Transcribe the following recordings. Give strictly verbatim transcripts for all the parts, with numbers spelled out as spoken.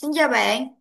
Xin chào bạn.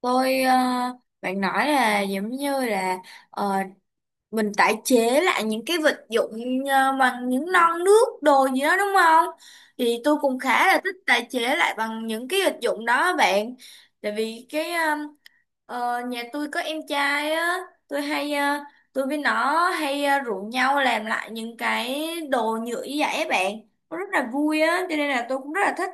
tôi ờ, Bạn nói là giống như là ờ, mình tái chế lại những cái vật dụng ờ, bằng những non nước đồ gì đó đúng không? Thì tôi cũng khá là thích tái chế lại bằng những cái vật dụng đó á bạn, tại vì cái ờ, ờ, nhà tôi có em trai á. tôi hay ờ, tôi với nó hay ờ, rủ nhau làm lại những cái đồ nhựa như vậy á bạn, nó rất là vui á, cho nên là tôi cũng rất là thích.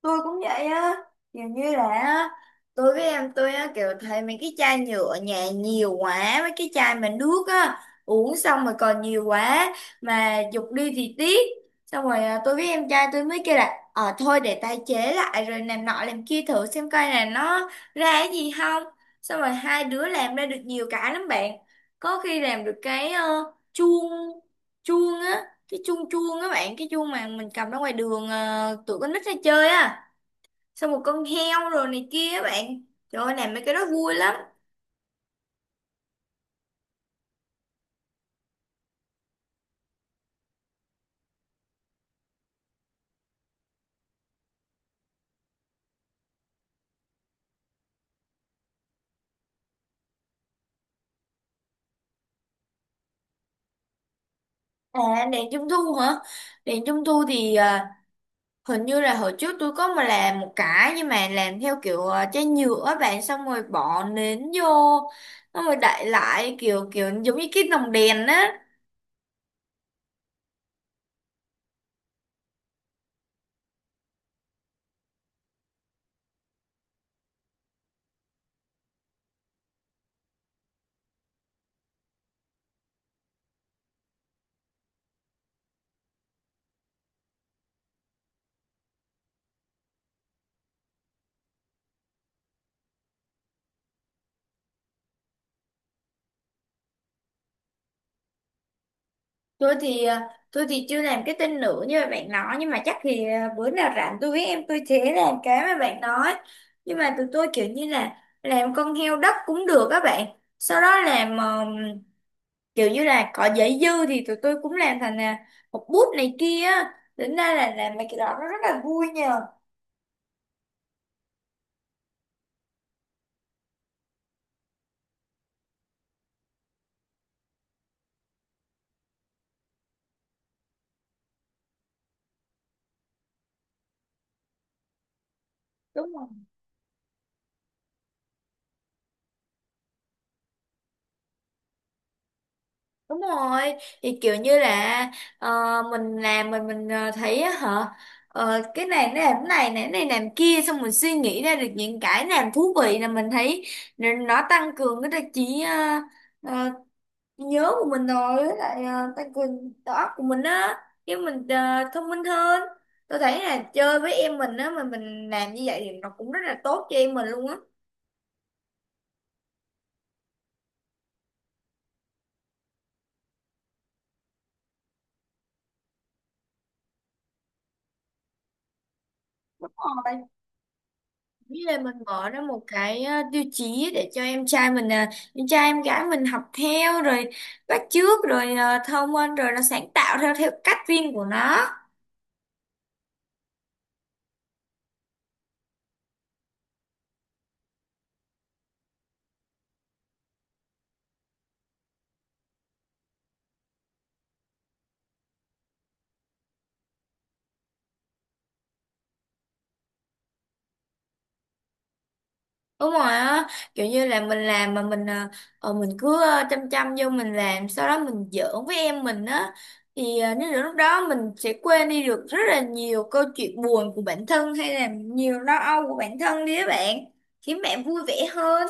Tôi cũng vậy á, kiểu như là á, tôi với em tôi á kiểu thấy mấy cái chai nhựa ở nhà nhiều quá, mấy cái chai mà nước á uống xong rồi còn nhiều quá mà giục đi thì tiếc. Xong rồi à, tôi với em trai tôi mới kêu là ờ thôi để tái chế lại rồi làm nọ làm kia thử xem coi là nó ra cái gì không. Xong rồi hai đứa làm ra được nhiều cái lắm bạn, có khi làm được cái ờ, chuông, chuông á, cái chuông chuông á bạn, cái chuông mà mình cầm ra ngoài đường ờ, tụi con nít ra chơi á, xong một con heo rồi này kia á bạn. Trời ơi, làm mấy cái đó vui lắm. À, đèn trung thu hả? Đèn trung thu thì à, hình như là hồi trước tôi có mà làm một cái, nhưng mà làm theo kiểu à, chai nhựa á bạn, xong rồi bỏ nến vô, xong rồi đậy lại kiểu kiểu giống như cái lồng đèn á. Tôi thì à, tôi thì chưa làm cái tên nữa như mà bạn nói, nhưng mà chắc thì à, bữa nào rảnh tôi với em tôi sẽ làm cái mà bạn nói. Nhưng mà tụi tôi kiểu như là làm con heo đất cũng được các bạn. Sau đó làm kiểu như là có giấy dư thì tụi tôi cũng làm thành là một bút này kia á. Tính ra là làm mấy cái đó nó rất là vui nhờ. Đúng rồi. Đúng rồi, thì kiểu như là ờ, mình làm mình mình ờ, thấy á hả, ờ, cái này nó làm cái này, này cái này làm kia, xong mình suy nghĩ ra được những cái làm thú vị là mình thấy nó nó tăng cường cái đặc trí nhớ của mình, rồi với lại ờ, tăng cường đầu óc của mình á, chứ mình ờ, thông minh hơn. Tôi thấy là chơi với em mình á mà mình làm như vậy thì nó cũng rất là tốt cho em mình luôn á. Đúng rồi. Với lại mình mở ra một cái ờ, tiêu chí để cho em trai mình ờ, em trai em gái mình học theo, rồi bắt chước, rồi ờ, thông minh, rồi nó sáng tạo theo theo cách riêng của nó. Đúng rồi á, kiểu như là mình làm mà mình ờ, ờ, mình cứ ờ, chăm chăm vô mình làm, sau đó mình giỡn với em mình á, thì ờ, nếu được lúc đó mình sẽ quên đi được rất là nhiều câu chuyện buồn của bản thân hay là nhiều lo âu của bản thân đi các bạn, khiến bạn vui vẻ hơn.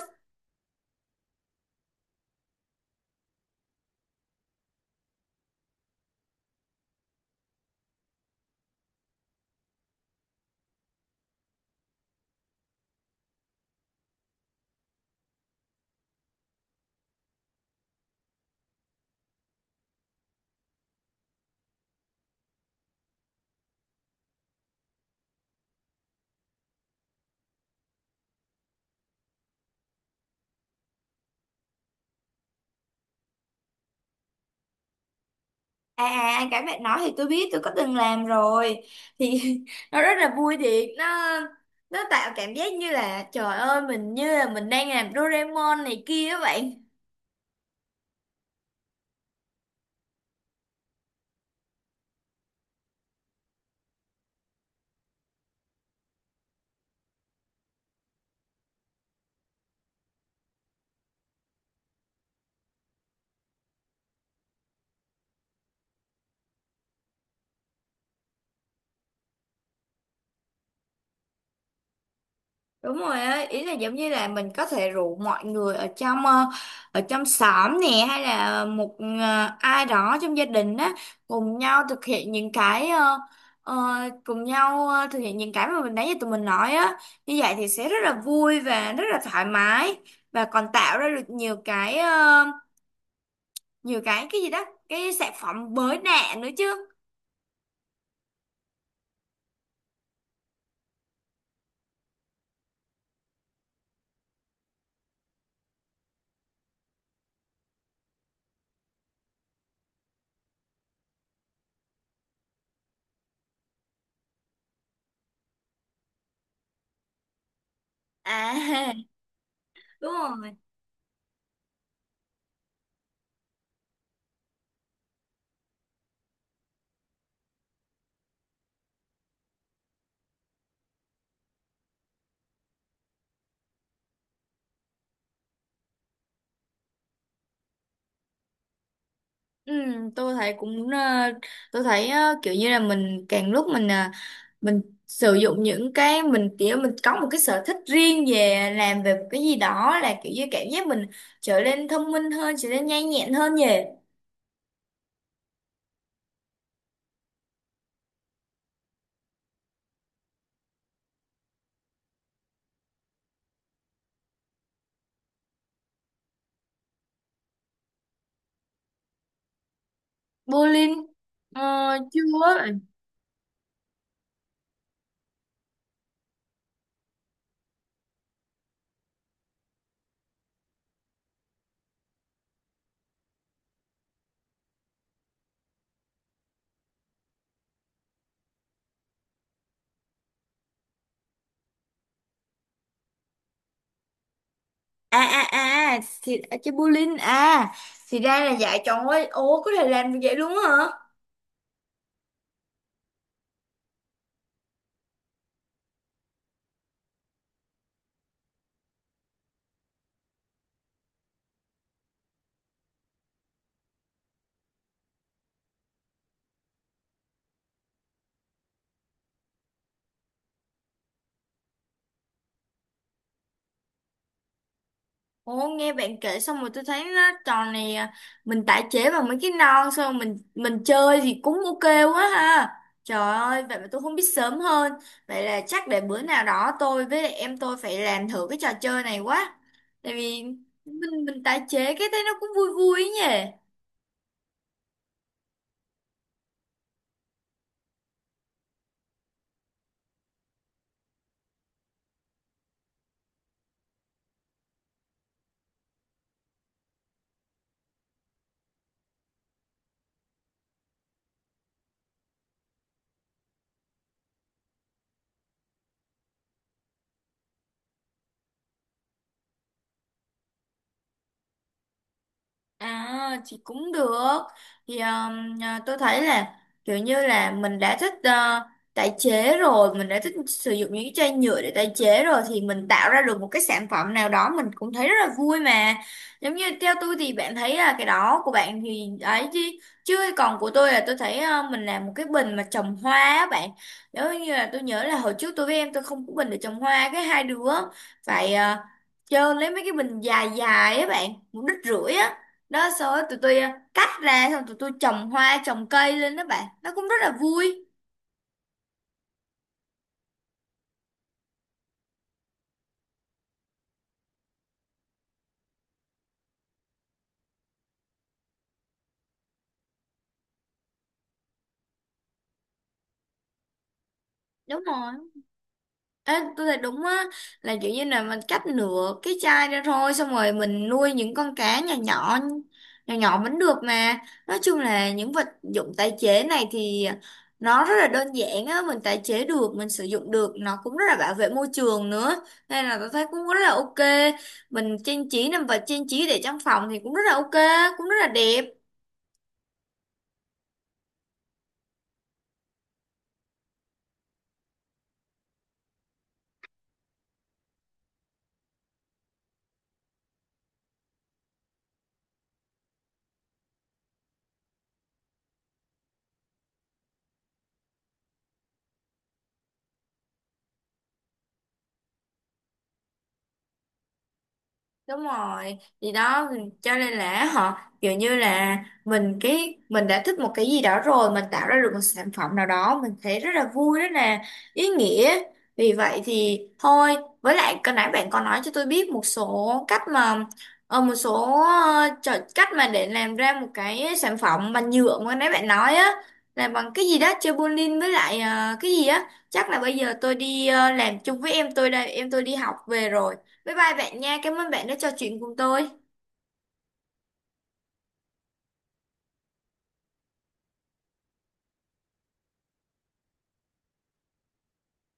à à à, Cái bạn nói thì tôi biết, tôi có từng làm rồi, thì nó rất là vui thiệt. Nó nó tạo cảm giác như là trời ơi mình như là mình đang làm Doraemon này kia các bạn. Đúng rồi á, ý là giống như là mình có thể rủ mọi người ở trong ờ, ở trong xóm nè, hay là một ờ, ai đó trong gia đình á, cùng nhau thực hiện những cái ờ, ờ, cùng nhau ờ, thực hiện những cái mà mình nãy giờ tụi mình nói á. Như vậy thì sẽ rất là vui và rất là thoải mái, và còn tạo ra được nhiều cái ờ, nhiều cái cái gì đó, cái sản phẩm mới lạ nữa chứ. À đúng rồi. Ừ, tôi thấy cũng ờ, tôi thấy ờ, kiểu như là mình càng lúc mình ờ, mình sử dụng những cái mình kiểu mình có một cái sở thích riêng về làm về một cái gì đó, là kiểu như cảm giác mình trở nên thông minh hơn, trở nên nhanh nhẹn hơn nhỉ. Bowling? ờ, Chưa. à à à à, thì à, chơi bowling à, thì ra là dạy chọn ấy. Ồ, có thể làm được vậy luôn á hả? Ủa, nghe bạn kể xong rồi tôi thấy nó trò này à, mình tái chế bằng mấy cái non xong rồi mình mình chơi thì cũng ok quá ha. Trời ơi, vậy mà tôi không biết sớm hơn. Vậy là chắc để bữa nào đó tôi với lại em tôi phải làm thử cái trò chơi này quá. Tại vì mình mình tái chế cái thấy nó cũng vui vui ấy nhỉ. À thì cũng được. Thì um, à, tôi thấy là kiểu như là mình đã thích ờ, tái chế rồi, mình đã thích sử dụng những cái chai nhựa để tái chế rồi, thì mình tạo ra được một cái sản phẩm nào đó mình cũng thấy rất là vui mà. Giống như theo tôi thì bạn thấy là cái đó của bạn thì ấy chứ, chứ còn của tôi là tôi thấy ờ, mình làm một cái bình mà trồng hoa á bạn. Nếu như là tôi nhớ là hồi trước tôi với em tôi không có bình để trồng hoa, cái hai đứa phải ờ, chơi lấy mấy cái bình dài dài á bạn, một đít rưỡi á, đó xong rồi tụi tôi ờ, cắt ra, xong tụi tôi trồng hoa trồng cây lên đó bạn, nó cũng rất là vui. Đúng rồi. Ê, tôi thấy đúng á, là kiểu như là mình cắt nửa cái chai ra thôi, xong rồi mình nuôi những con cá nhỏ nhỏ nhỏ nhỏ vẫn được mà. Nói chung là những vật dụng tái chế này thì nó rất là đơn giản á, mình tái chế được, mình sử dụng được, nó cũng rất là bảo vệ môi trường nữa, nên là tôi thấy cũng rất là ok. Mình trang trí nằm vật trang trí để trong phòng thì cũng rất là ok, cũng rất là đẹp. Đúng rồi thì đó, cho nên là họ kiểu như là mình, cái mình đã thích một cái gì đó rồi, mình tạo ra được một sản phẩm nào đó mình thấy rất là vui, rất là ý nghĩa. Vì vậy thì thôi, với lại cái nãy bạn có nói cho tôi biết một số cách mà ờ, một số ờ, trò cách mà để làm ra một cái sản phẩm bằng nhựa mà nãy bạn nói á, là bằng cái gì đó chơi bowling với lại ờ, cái gì á, chắc là bây giờ tôi đi ờ, làm chung với em tôi đây, em tôi đi học về rồi. Bye bye bạn nha. Cảm ơn bạn đã trò chuyện cùng tôi.